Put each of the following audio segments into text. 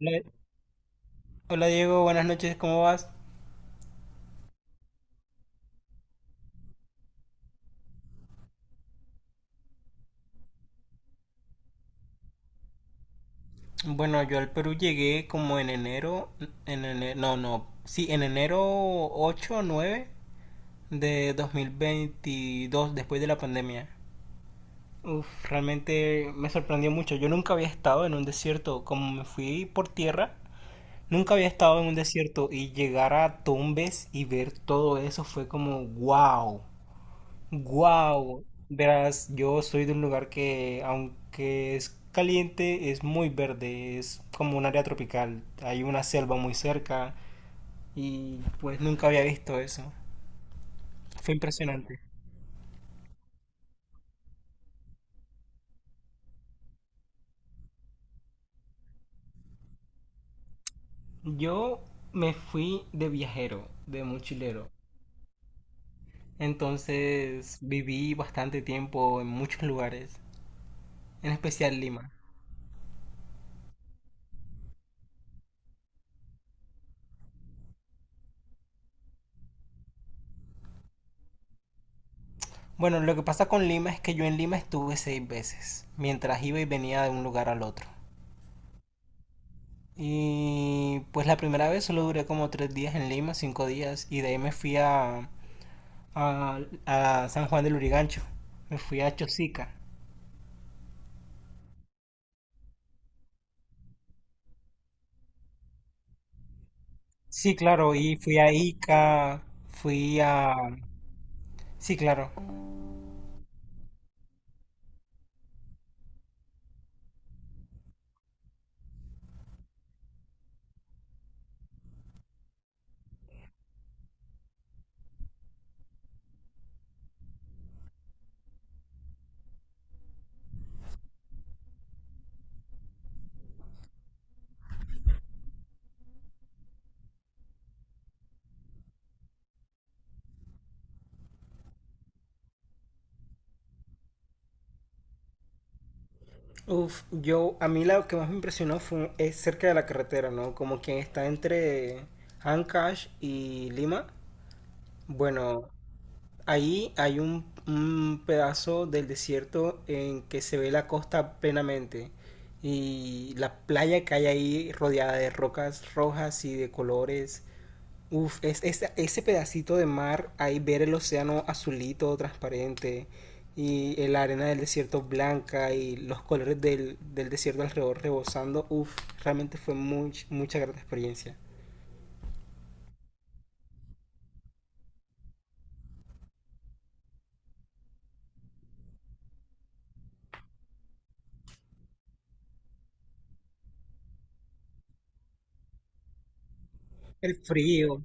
Hola, hola, Diego, buenas noches, ¿cómo vas? Bueno, yo al Perú llegué como en enero, no, no, sí, en enero 8 o 9 de 2022, después de la pandemia. Uf, realmente me sorprendió mucho. Yo nunca había estado en un desierto, como me fui por tierra, nunca había estado en un desierto y llegar a Tumbes y ver todo eso fue como wow. Wow, verás, yo soy de un lugar que, aunque es caliente, es muy verde, es como un área tropical. Hay una selva muy cerca y pues nunca había visto eso. Fue impresionante. Yo me fui de viajero, de mochilero. Entonces viví bastante tiempo en muchos lugares, en especial Lima. Bueno, lo que pasa con Lima es que yo en Lima estuve seis veces, mientras iba y venía de un lugar al otro. Y pues la primera vez solo duré como 3 días en Lima, 5 días, y de ahí me fui a, a San Juan del Urigancho, me fui a Chosica. Sí, claro, y fui a Ica, fui a... sí, claro. Uf, yo, a mí lo que más me impresionó fue, es cerca de la carretera, ¿no? Como quien está entre Ancash y Lima. Bueno, ahí hay un pedazo del desierto en que se ve la costa plenamente y la playa que hay ahí rodeada de rocas rojas y de colores. Uf, ese pedacito de mar, ahí ver el océano azulito, transparente, y la arena del desierto blanca y los colores del desierto alrededor rebosando, uf, realmente fue mucha grata experiencia. El frío.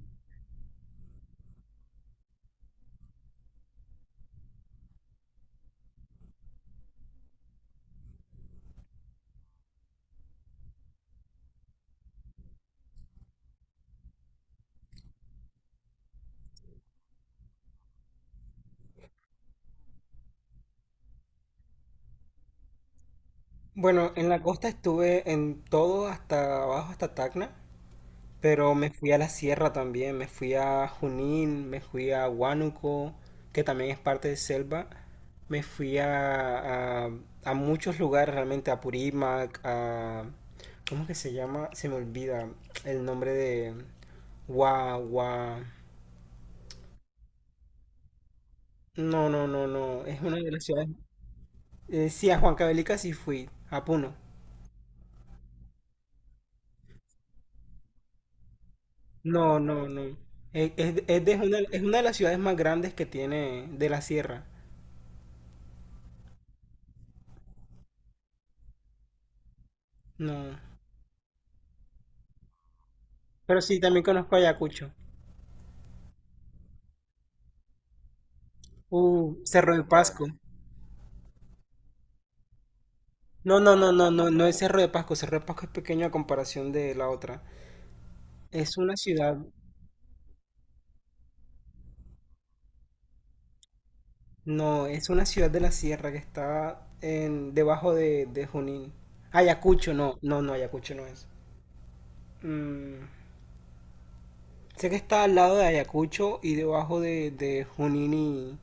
Bueno, en la costa estuve en todo hasta abajo, hasta Tacna. Pero me fui a la sierra también, me fui a Junín, me fui a Huánuco, que también es parte de selva. Me fui a muchos lugares realmente, a Purímac, a... ¿Cómo que se llama? Se me olvida el nombre de... Gua, Gua-. No, no, no, no. Es una de las ciudades... sí, a Huancavelica sí fui, a Puno. No, no, no. Es una de las ciudades más grandes que tiene de la sierra. No. Pero sí, también conozco Ayacucho. Cerro de Pasco. No, no, no, no, no, no es Cerro de Pasco. Cerro de Pasco es pequeño a comparación de la otra. Es una ciudad, no, es una ciudad de la sierra que está en, debajo de Junín. Ayacucho, no, no, no, Ayacucho no es. Mm, Sé que está al lado de Ayacucho y debajo de Junín y,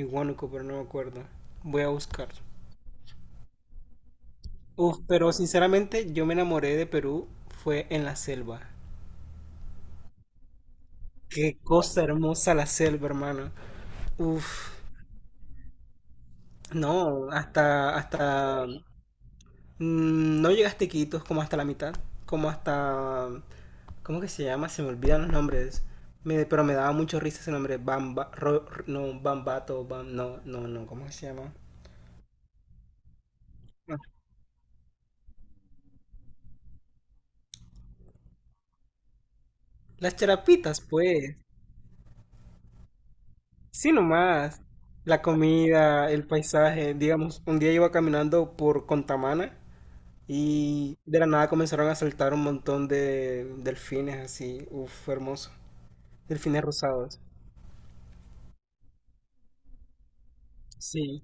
y Huánuco, pero no me acuerdo. Voy a buscar. Uf, pero sinceramente yo me enamoré de Perú fue en la selva. Qué cosa hermosa la selva, hermano. Uf, no, hasta, no llegaste a Iquitos como hasta la mitad, como hasta, ¿cómo que se llama? Se me olvidan los nombres, pero me daba mucho risa ese nombre, Bamba, Ro- R- no, Bambato, Bam, no, no, no, ¿cómo que se llama? No, las charapitas, pues, sí nomás, la comida, el paisaje, digamos, un día iba caminando por Contamana y de la nada comenzaron a saltar un montón de delfines así, uff, hermoso. Delfines rosados. Sí,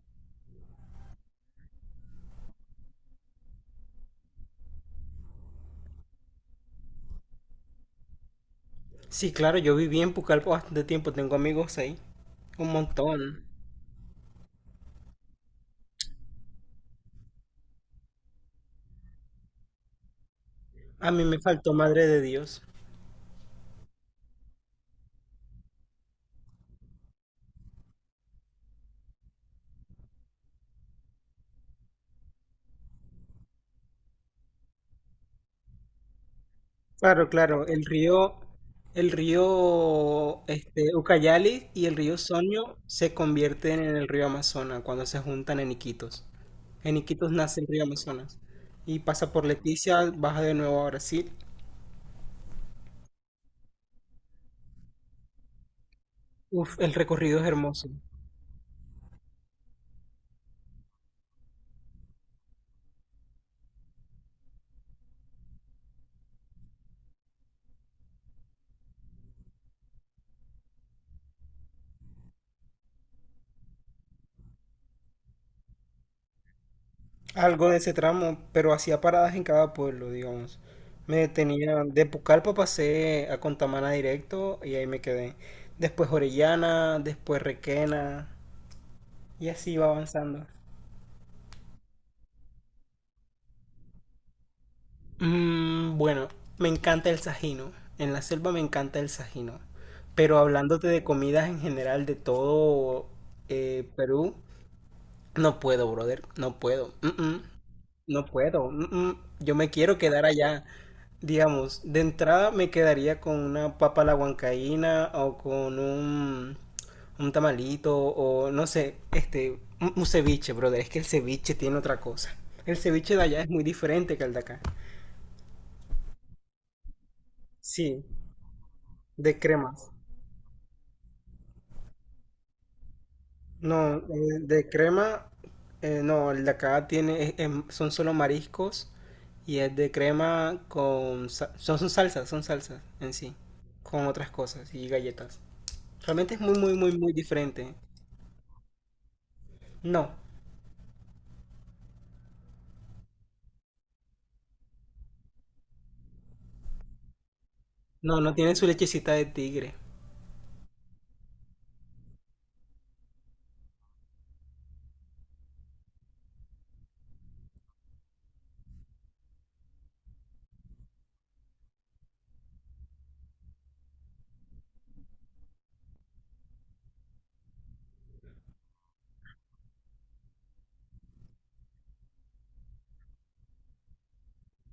sí, claro, yo viví en Pucallpa bastante tiempo, tengo amigos ahí, un montón. A mí me faltó Madre de Dios. Claro, claro, el río este, Ucayali y el río Sonio se convierten en el río Amazonas cuando se juntan en Iquitos. En Iquitos nace el río Amazonas y pasa por Leticia, baja de nuevo a Brasil. Uf, el recorrido es hermoso. Algo de ese tramo, pero hacía paradas en cada pueblo, digamos. Me detenía, de Pucallpa pasé a Contamana directo y ahí me quedé. Después Orellana, después Requena y así iba avanzando. Bueno, me encanta el sajino. En la selva me encanta el sajino. Pero hablándote de comidas en general de todo Perú, no puedo, brother, no puedo. Mm, mm. No puedo. Yo me quiero quedar allá. Digamos, de entrada me quedaría con una papa a la huancaína o con un tamalito o no sé, este, un ceviche, brother. Es que el ceviche tiene otra cosa. El ceviche de allá es muy diferente que el de acá. Sí, de cremas. No, de crema, no, el de acá tiene, son solo mariscos y es de crema con, son salsas, son salsas en sí, con otras cosas y galletas. Realmente es muy, muy, muy, muy diferente. No, no, no tiene su lechecita de tigre.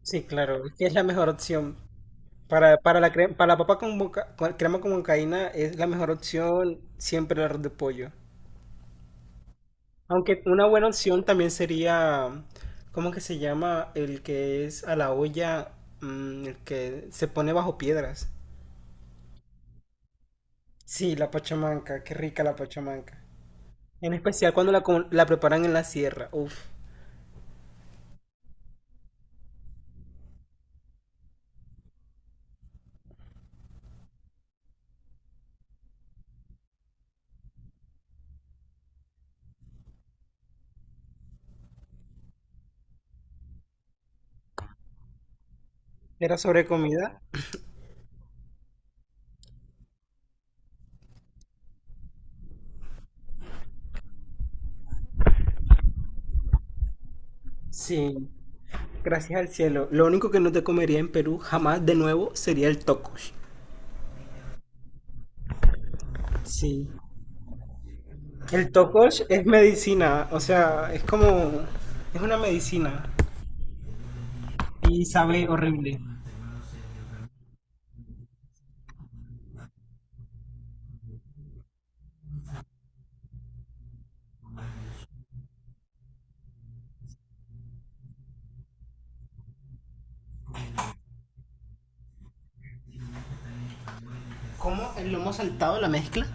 Sí, claro, es que es la mejor opción. Para la crema, para la papa con crema con huancaína es la mejor opción siempre el arroz de pollo. Aunque una buena opción también sería, ¿cómo que se llama? El que es a la olla, el que se pone bajo piedras. Sí, la pachamanca, qué rica la pachamanca. En especial cuando la preparan en la sierra. Uf, ¿era sobre comida? Sí, gracias al cielo. Lo único que no te comería en Perú jamás de nuevo sería el tocosh. Sí. El tocosh es medicina, o sea, es como, es una medicina y sabe horrible. ¿Cómo el lomo saltado, la mezcla?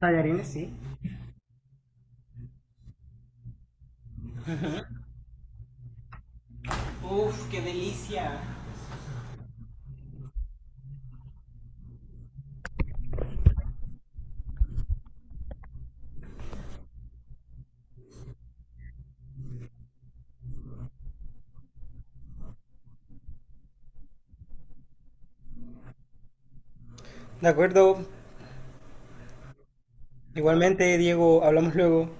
Tallarines, sí. Uf, qué delicia. De acuerdo. Igualmente, Diego, hablamos luego.